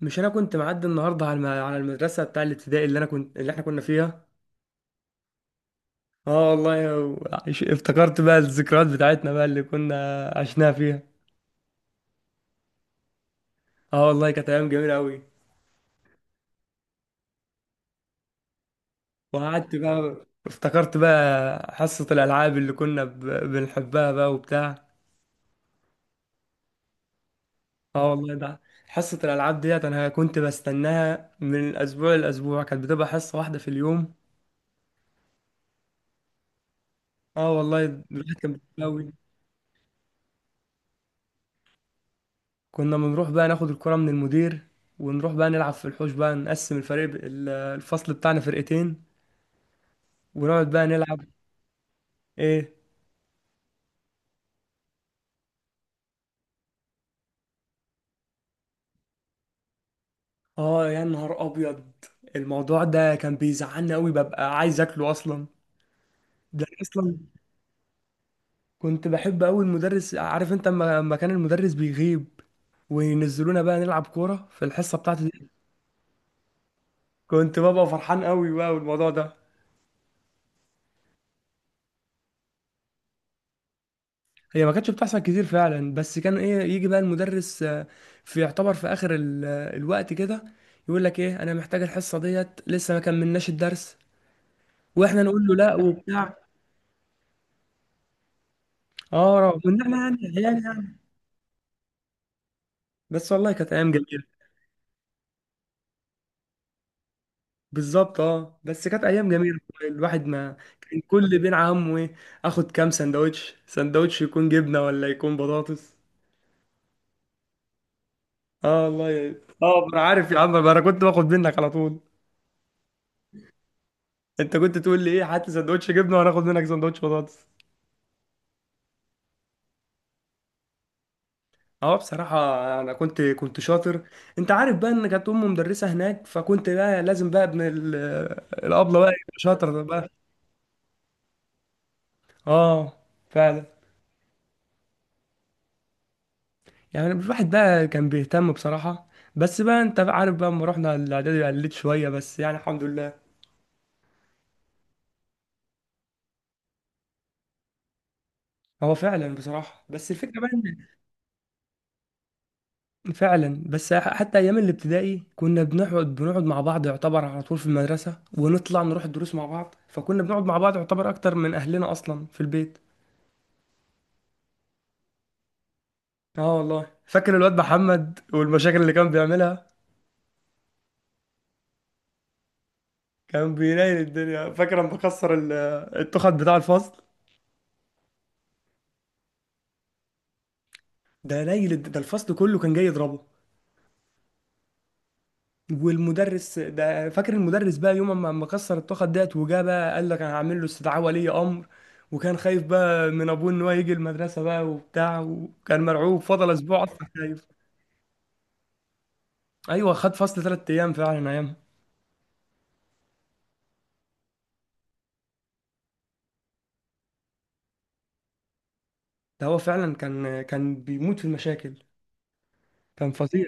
مش انا كنت معدي النهارده على على المدرسه بتاع الابتدائي اللي انا كنت اللي احنا كنا فيها. اه والله افتكرت بقى الذكريات بتاعتنا بقى اللي كنا عشناها فيها. اه والله كانت ايام جميله قوي. وقعدت بقى افتكرت بقى حصه الالعاب اللي كنا بنحبها بقى وبتاع. اه والله ده حصه الالعاب ديت انا كنت بستناها من الاسبوع للاسبوع، كانت بتبقى حصه واحده في اليوم. اه والله الواحد كان بيحبها. كنا بنروح بقى ناخد الكرة من المدير ونروح بقى نلعب في الحوش بقى نقسم الفريق الفصل بتاعنا فرقتين ونقعد بقى نلعب. ايه. اه يا نهار ابيض. الموضوع ده كان بيزعلني قوي، ببقى عايز اكله اصلا. ده أنا اصلا كنت بحب قوي المدرس، عارف انت، أما كان المدرس بيغيب وينزلونا بقى نلعب كورة في الحصة بتاعتي دي كنت ببقى فرحان قوي بقى بالموضوع ده. هي ما كانتش بتحصل كتير فعلا، بس كان ايه، يجي بقى المدرس في يعتبر في اخر الوقت كده يقول لك ايه: انا محتاج الحصه ديت، لسه ما كملناش الدرس. واحنا نقول له لا وبتاع. اه رغم ان احنا يعني عيال يعني، بس والله كانت ايام جميله. بالظبط اه، بس كانت ايام جميله، الواحد ما كان كل بين همه ايه، اخد كام سندوتش، سندوتش يكون جبنه ولا يكون بطاطس. اه والله انا عارف يا عم، انا كنت باخد منك على طول. انت كنت تقول لي ايه: هات لي سندوتش جبنه، وانا اخد منك سندوتش بطاطس. اه بصراحة، أنا كنت شاطر. أنت عارف بقى إن كانت أمي مدرسة هناك، فكنت بقى لازم بقى ابن الأبلة بقى يبقى شاطر بقى. اه فعلا. يعني الواحد بقى كان بيهتم بصراحة. بس بقى أنت بقى عارف بقى لما رحنا الإعدادي قلت شوية، بس يعني الحمد لله. هو فعلا بصراحة، بس الفكرة بقى إن فعلا، بس حتى أيام الابتدائي كنا بنقعد مع بعض يعتبر على طول في المدرسة، ونطلع نروح الدروس مع بعض، فكنا بنقعد مع بعض يعتبر أكتر من أهلنا أصلا في البيت. اه والله فاكر الواد محمد والمشاكل اللي كان بيعملها. كان بينيل الدنيا. فاكر لما كسر التخت بتاع الفصل؟ ده الفصل كله كان جاي يضربه. والمدرس ده، فاكر المدرس بقى يوم ما كسر التخت ديت، وجا بقى قال لك انا هعمل له استدعاء ولي امر، وكان خايف بقى من ابوه ان هو يجي المدرسه بقى وبتاع، وكان مرعوب، فضل اسبوع اصلا خايف. ايوه، خد فصل 3 ايام فعلا ايامها. ده هو فعلا كان بيموت في المشاكل، كان فظيع.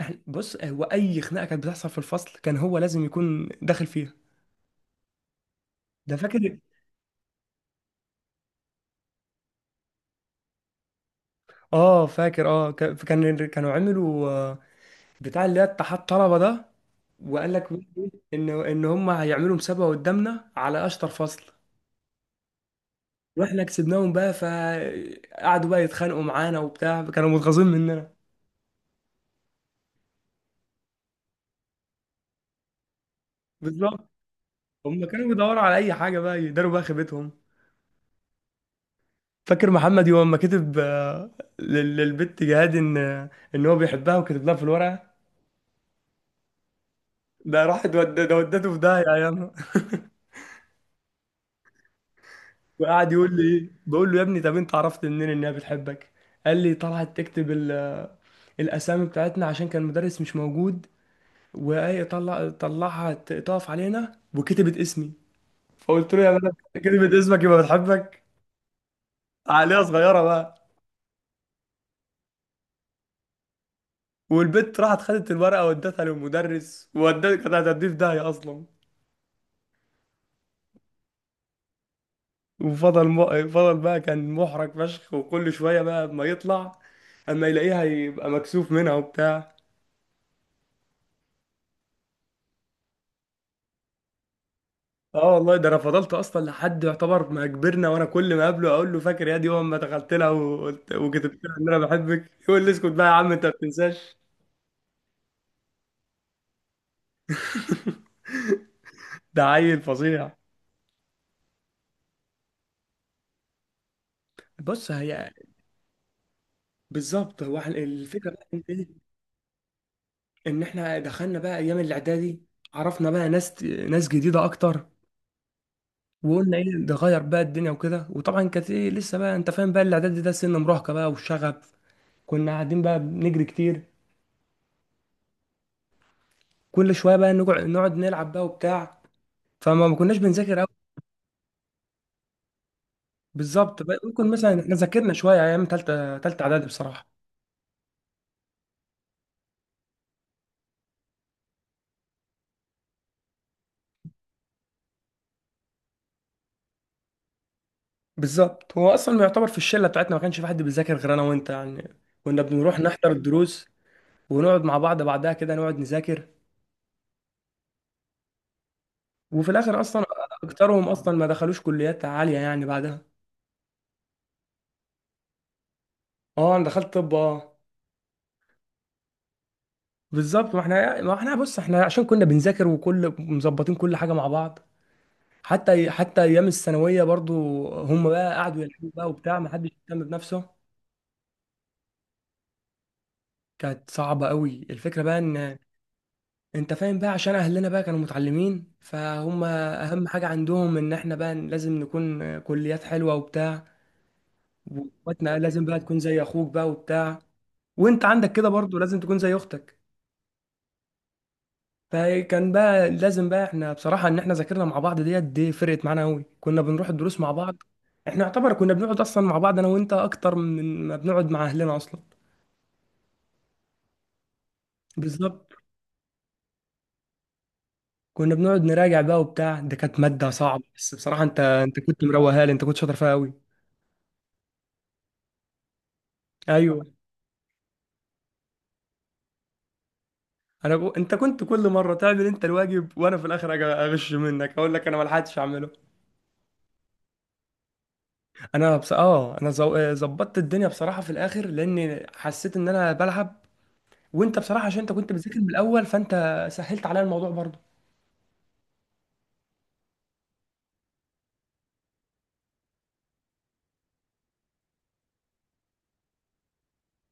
احنا بص، هو اي خناقه كانت بتحصل في الفصل كان هو لازم يكون داخل فيها. ده فاكر. اه فاكر، كانوا عملوا بتاع اللي هي اتحاد طلبه ده، وقال لك ان هم هيعملوا مسابقه قدامنا على اشطر فصل. واحنا كسبناهم بقى، فقعدوا بقى يتخانقوا معانا وبتاع، كانوا متغاظين مننا. بالظبط، هم كانوا بيدوروا على اي حاجه بقى يداروا بقى خيبتهم. فاكر محمد يوم ما كتب للبت جهاد ان هو بيحبها وكتب لها في الورقه؟ ده ودته في داهيه ايامها. وقعد يقول لي ايه، بقول له يا ابني، طب انت عرفت منين ان هي بتحبك؟ قال لي طلعت تكتب الاسامي بتاعتنا عشان كان مدرس مش موجود، وهي طلعها تقف علينا وكتبت اسمي. فقلت له يا ولد، كتبت اسمك يبقى بتحبك، عليها صغيره بقى. والبت راحت خدت الورقه ودتها للمدرس، ودتها كانت هتديه في داهيه اصلا. فضل بقى كان محرج فشخ، وكل شويه بقى ما يطلع اما يلاقيها يبقى مكسوف منها وبتاع. اه والله ده انا فضلت اصلا لحد يعتبر ما كبرنا، وانا كل ما اقابله اقول له فاكر يا دي يوم ما دخلت لها وقلت وكتبت لها ان انا بحبك؟ يقول لي اسكت بقى يا عم، انت ما بتنساش. ده عيل فظيع. بص هي. بالظبط، هو احنا الفكره بقى إن ايه، ان احنا دخلنا بقى ايام الاعدادي عرفنا بقى ناس جديده اكتر، وقلنا ايه نغير بقى الدنيا وكده. وطبعا كانت ايه، لسه بقى انت فاهم بقى، الاعدادي ده سن مراهقه بقى والشغف. كنا قاعدين بقى بنجري كتير، كل شويه بقى نقعد نلعب بقى وبتاع، فما ما كناش بنذاكر. بالظبط، ممكن مثلا احنا ذاكرنا شويه ايام ثالثه اعدادي بصراحه. بالظبط، هو اصلا يعتبر في الشله بتاعتنا ما كانش في حد بيذاكر غير انا وانت يعني. كنا بنروح نحضر الدروس، ونقعد مع بعض بعدها كده نقعد نذاكر، وفي الاخر اصلا اكترهم اصلا ما دخلوش كليات عاليه يعني بعدها. اه انا دخلت طب اه. بالظبط، ما احنا بص، احنا عشان كنا بنذاكر وكل مظبطين كل حاجه مع بعض، حتى ايام الثانويه برضو هم بقى قعدوا يلحقوا بقى وبتاع، ما حدش يهتم بنفسه. كانت صعبة قوي، الفكرة بقى ان انت فاهم بقى عشان اهلنا بقى كانوا متعلمين، فهم اهم حاجه عندهم ان احنا بقى لازم نكون كليات حلوه وبتاع. واخواتنا لازم بقى تكون زي اخوك بقى وبتاع، وانت عندك كده برضو لازم تكون زي اختك. فكان بقى لازم بقى احنا بصراحه ان احنا ذاكرنا مع بعض، ديت دي فرقت معانا قوي، كنا بنروح الدروس مع بعض. احنا يعتبر كنا بنقعد اصلا مع بعض انا وانت اكتر من ما بنقعد مع اهلنا اصلا. بالظبط، كنا بنقعد نراجع بقى وبتاع، ده كانت ماده صعبه، بس بصراحه انت كنت مروقها لي، انت كنت شاطر فيها قوي. ايوه، انت كنت كل مره تعمل انت الواجب، وانا في الاخر أجي اغش منك، اقول لك انا ما لحقتش اعمله. انا بص... اه انا زو- آه، ظبطت الدنيا بصراحه في الاخر، لاني حسيت ان انا بلعب، وانت بصراحه عشان انت كنت بتذاكر من الاول، فانت سهلت عليا الموضوع برضه.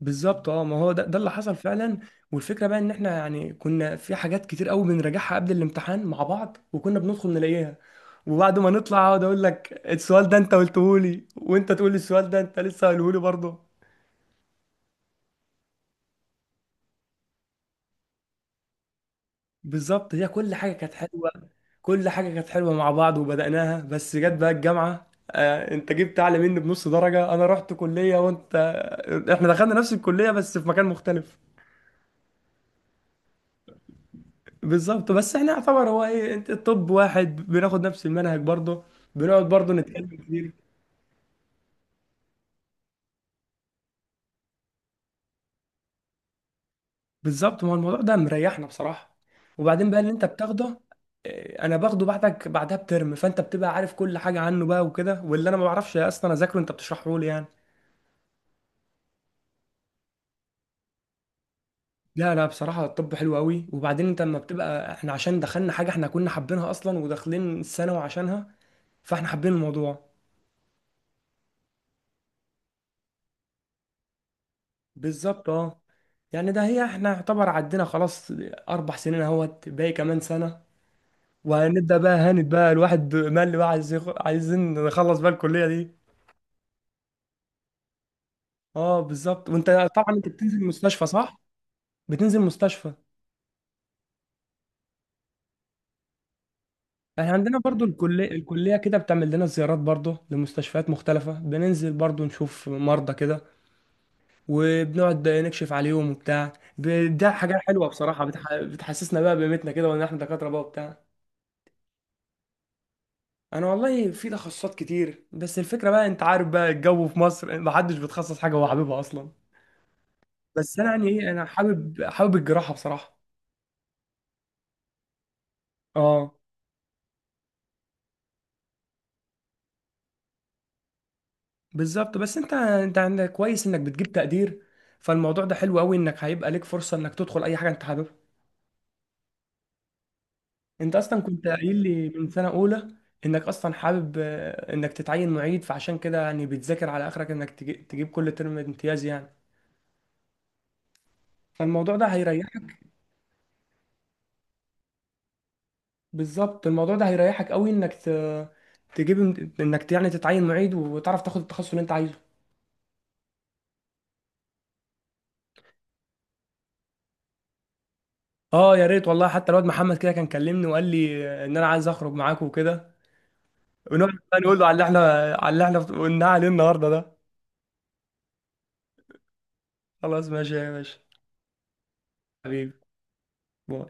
بالظبط اه، ما هو ده اللي حصل فعلا. والفكره بقى ان احنا يعني كنا في حاجات كتير قوي بنراجعها قبل الامتحان مع بعض، وكنا بندخل نلاقيها، وبعد ما نطلع اقعد اقول لك السؤال ده انت قلته لي، وانت تقول لي السؤال ده انت لسه قايله لي برضه. بالظبط، هي كل حاجة كانت حلوة. كل حاجة كانت حلوة مع بعض وبدأناها، بس جت بقى الجامعة انت جبت اعلى مني بنص درجة، انا رحت كلية وانت احنا دخلنا نفس الكلية بس في مكان مختلف. بالظبط، بس احنا يعتبر هو ايه، انت الطب واحد بناخد نفس المنهج برضه، بنقعد برضه نتكلم كتير. بالظبط، ما هو الموضوع ده مريحنا بصراحة. وبعدين بقى اللي انت بتاخده انا باخده بعدك بعدها بترم، فانت بتبقى عارف كل حاجة عنه بقى وكده، واللي انا ما بعرفش اصلا اذاكره انت بتشرحه لي يعني. لا لا، بصراحة الطب حلو قوي. وبعدين انت لما بتبقى احنا عشان دخلنا حاجة احنا كنا حابينها اصلا، وداخلين الثانوي عشانها، فاحنا حابين الموضوع. بالظبط اه، يعني ده هي احنا يعتبر عدينا خلاص 4 سنين، اهوت باقي كمان سنة، وهنبدأ بقى هانت بقى، الواحد مال بقى، عايزين نخلص بقى الكلية دي. اه بالظبط. وانت، طبعا انت بتنزل مستشفى، صح؟ بتنزل مستشفى. احنا عندنا برضو الكلية كده بتعمل لنا زيارات برضو لمستشفيات مختلفة، بننزل برضو نشوف مرضى كده، وبنقعد نكشف عليهم وبتاع. ده حاجة حلوة بصراحة، بتحسسنا بقى بقيمتنا كده وان احنا دكاترة بقى وبتاع. انا والله في تخصصات كتير، بس الفكرة بقى انت عارف بقى الجو في مصر محدش بيتخصص حاجة هو حاببها اصلا. بس انا يعني ايه، انا حابب الجراحة بصراحة. اه بالظبط، بس انت عندك كويس انك بتجيب تقدير، فالموضوع ده حلو قوي انك هيبقى ليك فرصة انك تدخل اي حاجة انت حاببها. انت اصلا كنت قايل لي من سنه اولى انك اصلا حابب انك تتعين معيد، فعشان كده يعني بتذاكر على اخرك انك تجيب كل ترم امتياز يعني. فالموضوع ده هيريحك. بالظبط، الموضوع ده هيريحك قوي انك تجيب، انك يعني تتعين معيد وتعرف تاخد التخصص اللي انت عايزه. اه يا ريت والله. حتى الواد محمد كده كان كلمني وقال لي ان انا عايز اخرج معاك وكده، ونقعد بقى نقول له على اللي احنا قلناه عليه النهارده ده. خلاص ماشي يا باشا، حبيبي، باي.